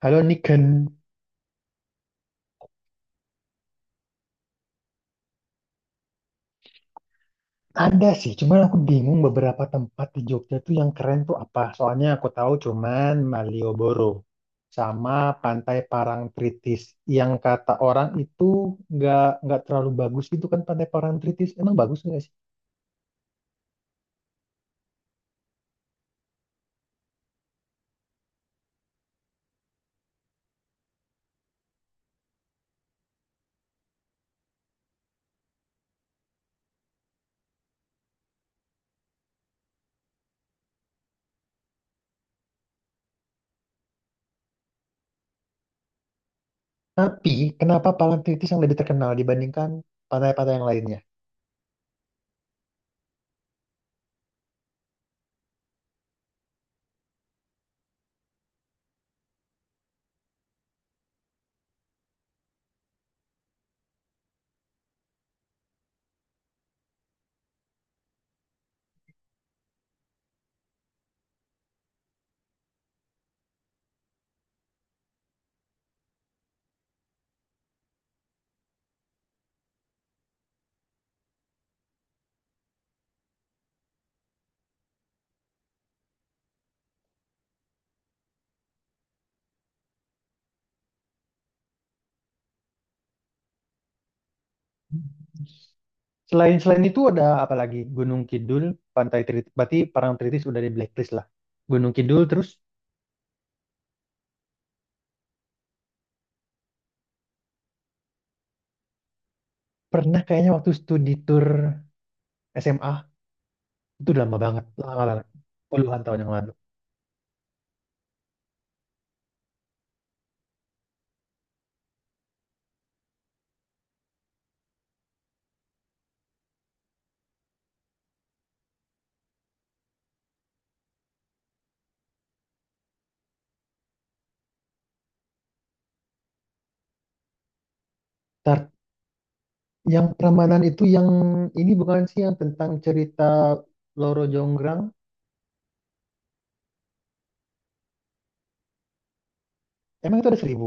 Halo Niken, ada sih, cuman aku bingung beberapa tempat di Jogja tuh yang keren tuh apa. Soalnya aku tahu cuman Malioboro sama Pantai Parangtritis yang kata orang itu nggak nggak terlalu bagus gitu kan Pantai Parangtritis. Emang bagus nggak sih? Tapi kenapa Parangtritis yang lebih terkenal dibandingkan pantai-pantai yang lainnya? Selain selain itu ada apa lagi? Gunung Kidul, Pantai Tritis, berarti Parangtritis udah di blacklist lah. Gunung Kidul terus pernah kayaknya waktu studi tour SMA. Itu udah lama banget, lama banget. Puluhan tahun yang lalu. Ntar, yang Prambanan itu yang ini bukan sih yang tentang cerita Loro Jonggrang? Emang itu ada 1.000?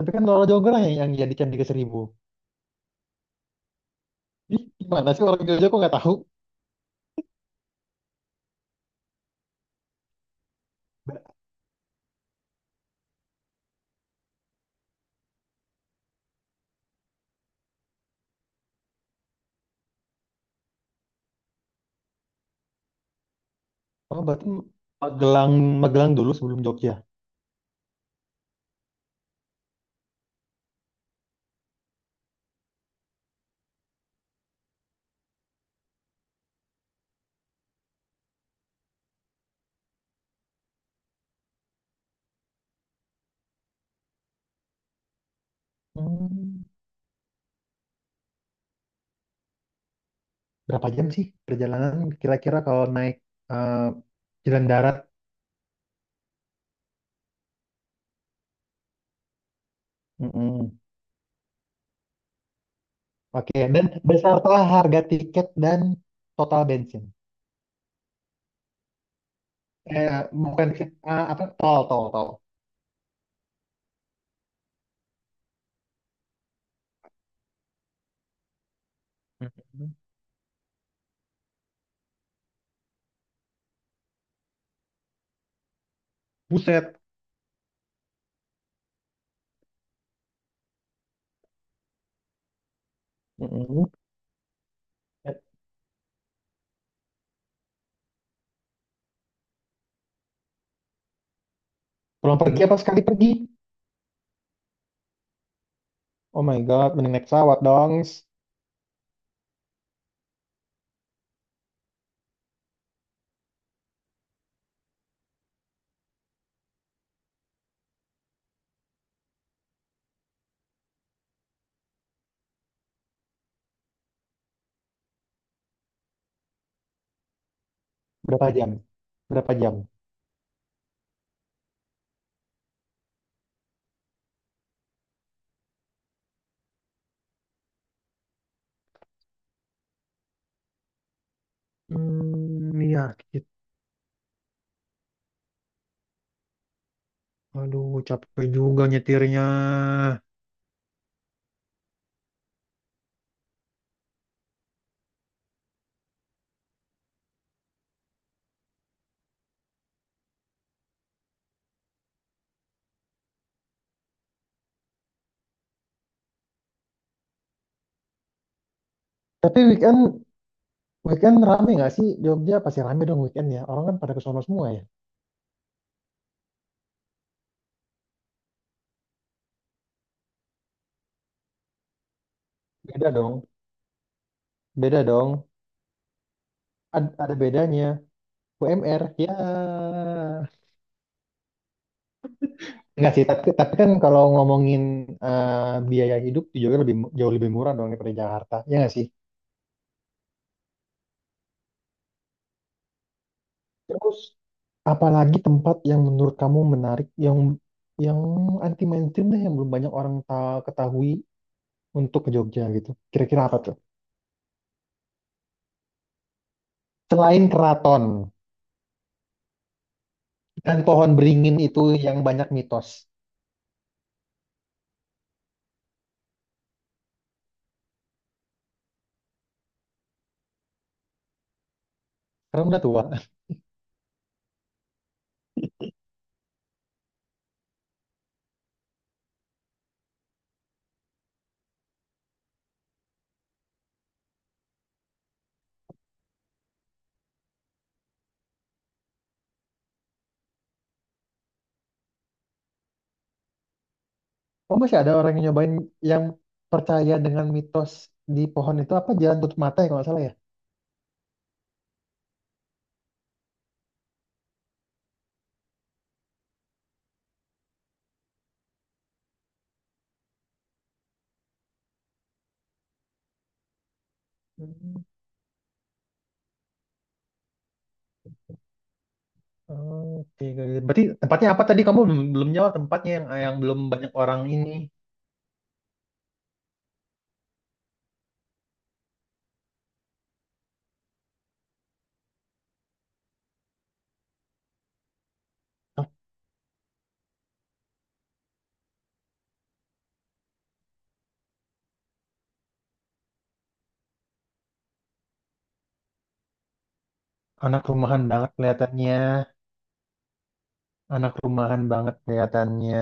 Tapi kan Loro Jonggrang yang jadi candi ke-1.000. Ih, gimana sih orang Jogja kok nggak tahu? Oh, berarti Magelang, Magelang dulu sebelum Jogja. Hmm, berapa jam sih perjalanan kira-kira kalau naik eh, jalan darat? Mm-mm. Oke, dan beserta harga tiket dan total bensin. Eh bukan ah, Apa tol tol tol. Mhm. Buset. Mhm. Pulang pergi apa sekali pergi? Oh my god, mending naik pesawat dong. Berapa jam? Berapa jam? Hmm, iya, gitu. Aduh, capek juga nyetirnya. Tapi weekend weekend rame nggak sih Jogja? Pasti rame dong weekend ya. Orang kan pada ke sono semua ya. Beda dong, beda dong. Ada bedanya. UMR ya. Enggak sih, tapi kan kalau ngomongin eh, biaya hidup di Jogja lebih jauh lebih murah dong daripada Jakarta. Ya nggak sih? Terus apalagi tempat yang menurut kamu menarik yang yang anti mainstream deh yang belum banyak orang ketahui untuk ke Jogja gitu. Kira-kira apa tuh? Selain keraton dan pohon beringin itu yang banyak mitos. Karena udah tua. Oh, masih ada orang yang nyobain yang percaya dengan mitos di pohon itu apa jalan tutup mata ya kalau nggak salah ya? Oke, oke. Berarti tempatnya apa tadi? Kamu belum jawab tempatnya yang belum banyak orang ini. Anak rumahan banget kelihatannya, anak rumahan banget kelihatannya.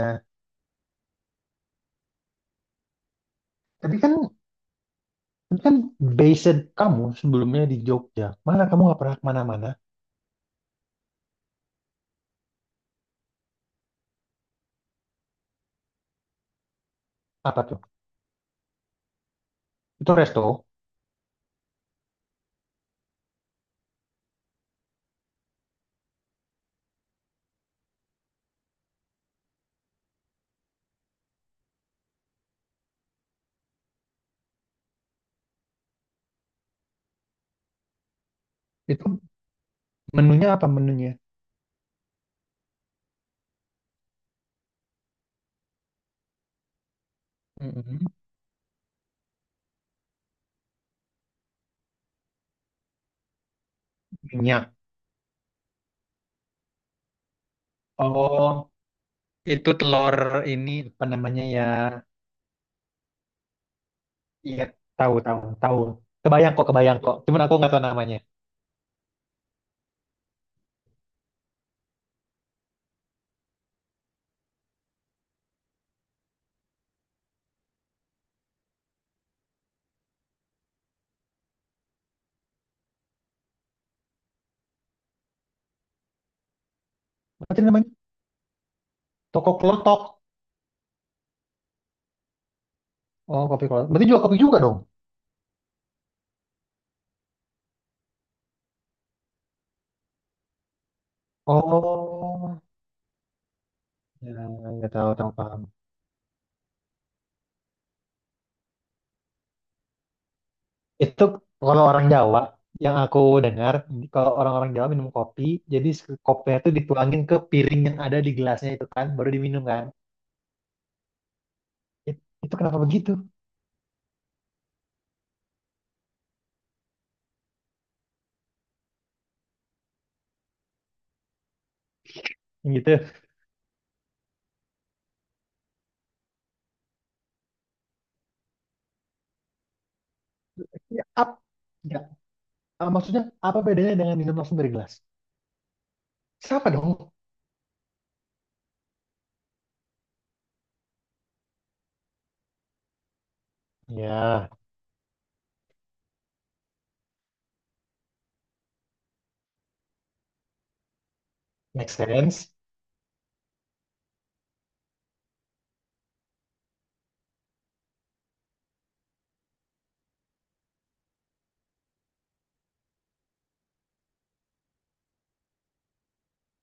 Tapi kan, tapi kan based kamu sebelumnya di Jogja. Mana kamu nggak pernah kemana-mana? Apa tuh? Itu resto? Itu menunya apa menunya? Mm-mm. Minyak. Oh, itu telur ini apa namanya ya? Iya, tahu tahu tahu. Kebayang kok, kebayang kok. Cuman aku nggak tahu namanya. Apa sih namanya? Toko Klotok. Oh, kopi kalau berarti jual kopi juga dong. Oh, ya, nggak tahu, tahu paham. Itu kalau orang Jawa yang aku dengar, kalau orang-orang Jawa minum kopi, jadi kopinya itu dituangin ke piring yang ada di gelasnya itu kan, baru diminum kan. Itu kenapa begitu? Yang gitu. Ya, ya, maksudnya apa bedanya dengan minum langsung dari gelas? Sama dong. Ya, make sense.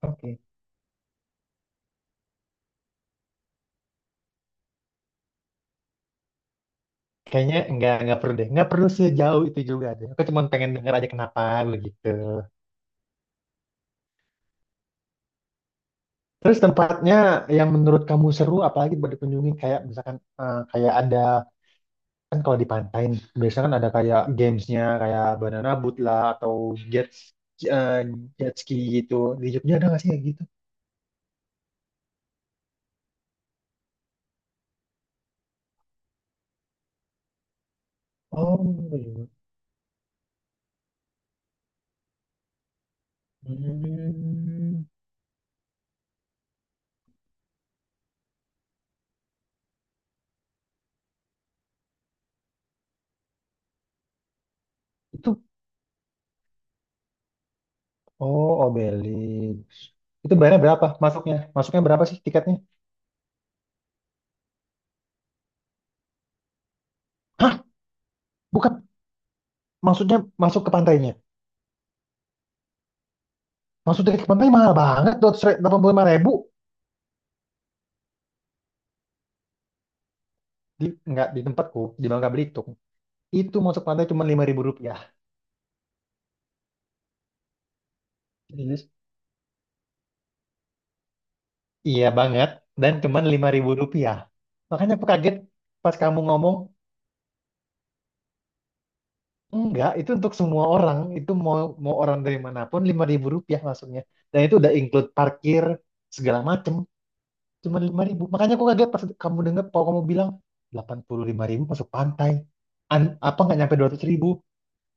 Oke. Kayaknya nggak perlu deh, nggak perlu sejauh itu juga deh. Aku cuma pengen denger aja kenapa begitu. Terus tempatnya yang menurut kamu seru, apalagi buat dikunjungi kayak misalkan kayak ada kan kalau di pantai nih, biasanya kan ada kayak gamesnya kayak banana boat lah atau jet eh, jet ski gitu. Di Jogja ada nggak sih kayak gitu? Oh, iya. Hmm. Itu, oh, Obelik. Itu bayarnya berapa masuknya? Masuknya berapa sih tiketnya? Hah, bukan maksudnya masuk ke pantainya. Masuk dari ke pantai mahal banget, 285.000. Di, enggak, di tempatku, di Bangka Belitung. Itu masuk pantai cuma Rp5.000. Serius? Iya banget. Dan cuma Rp5.000. Makanya aku kaget pas kamu ngomong, enggak, itu untuk semua orang. Itu mau mau orang dari manapun Rp5.000 masuknya. Dan itu udah include parkir, segala macem. Cuma lima ribu. Makanya aku kaget pas kamu dengar, kalau kamu bilang, 85.000 masuk pantai. Apa nggak nyampe 200.000?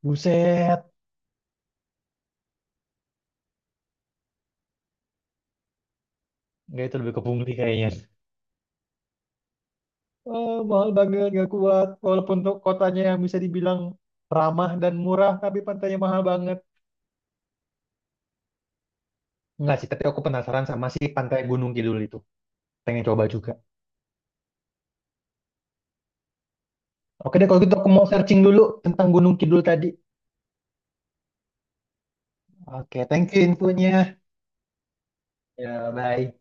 Buset. Nggak, itu lebih ke pungli kayaknya. Eh, mahal banget, gak kuat. Walaupun untuk kotanya yang bisa dibilang ramah dan murah, tapi pantainya mahal banget. Enggak sih, tapi aku penasaran sama si pantai Gunung Kidul itu. Pengen coba juga. Oke deh, kalau gitu aku mau searching dulu tentang Gunung Kidul tadi. Oke, thank you infonya. Ya, bye.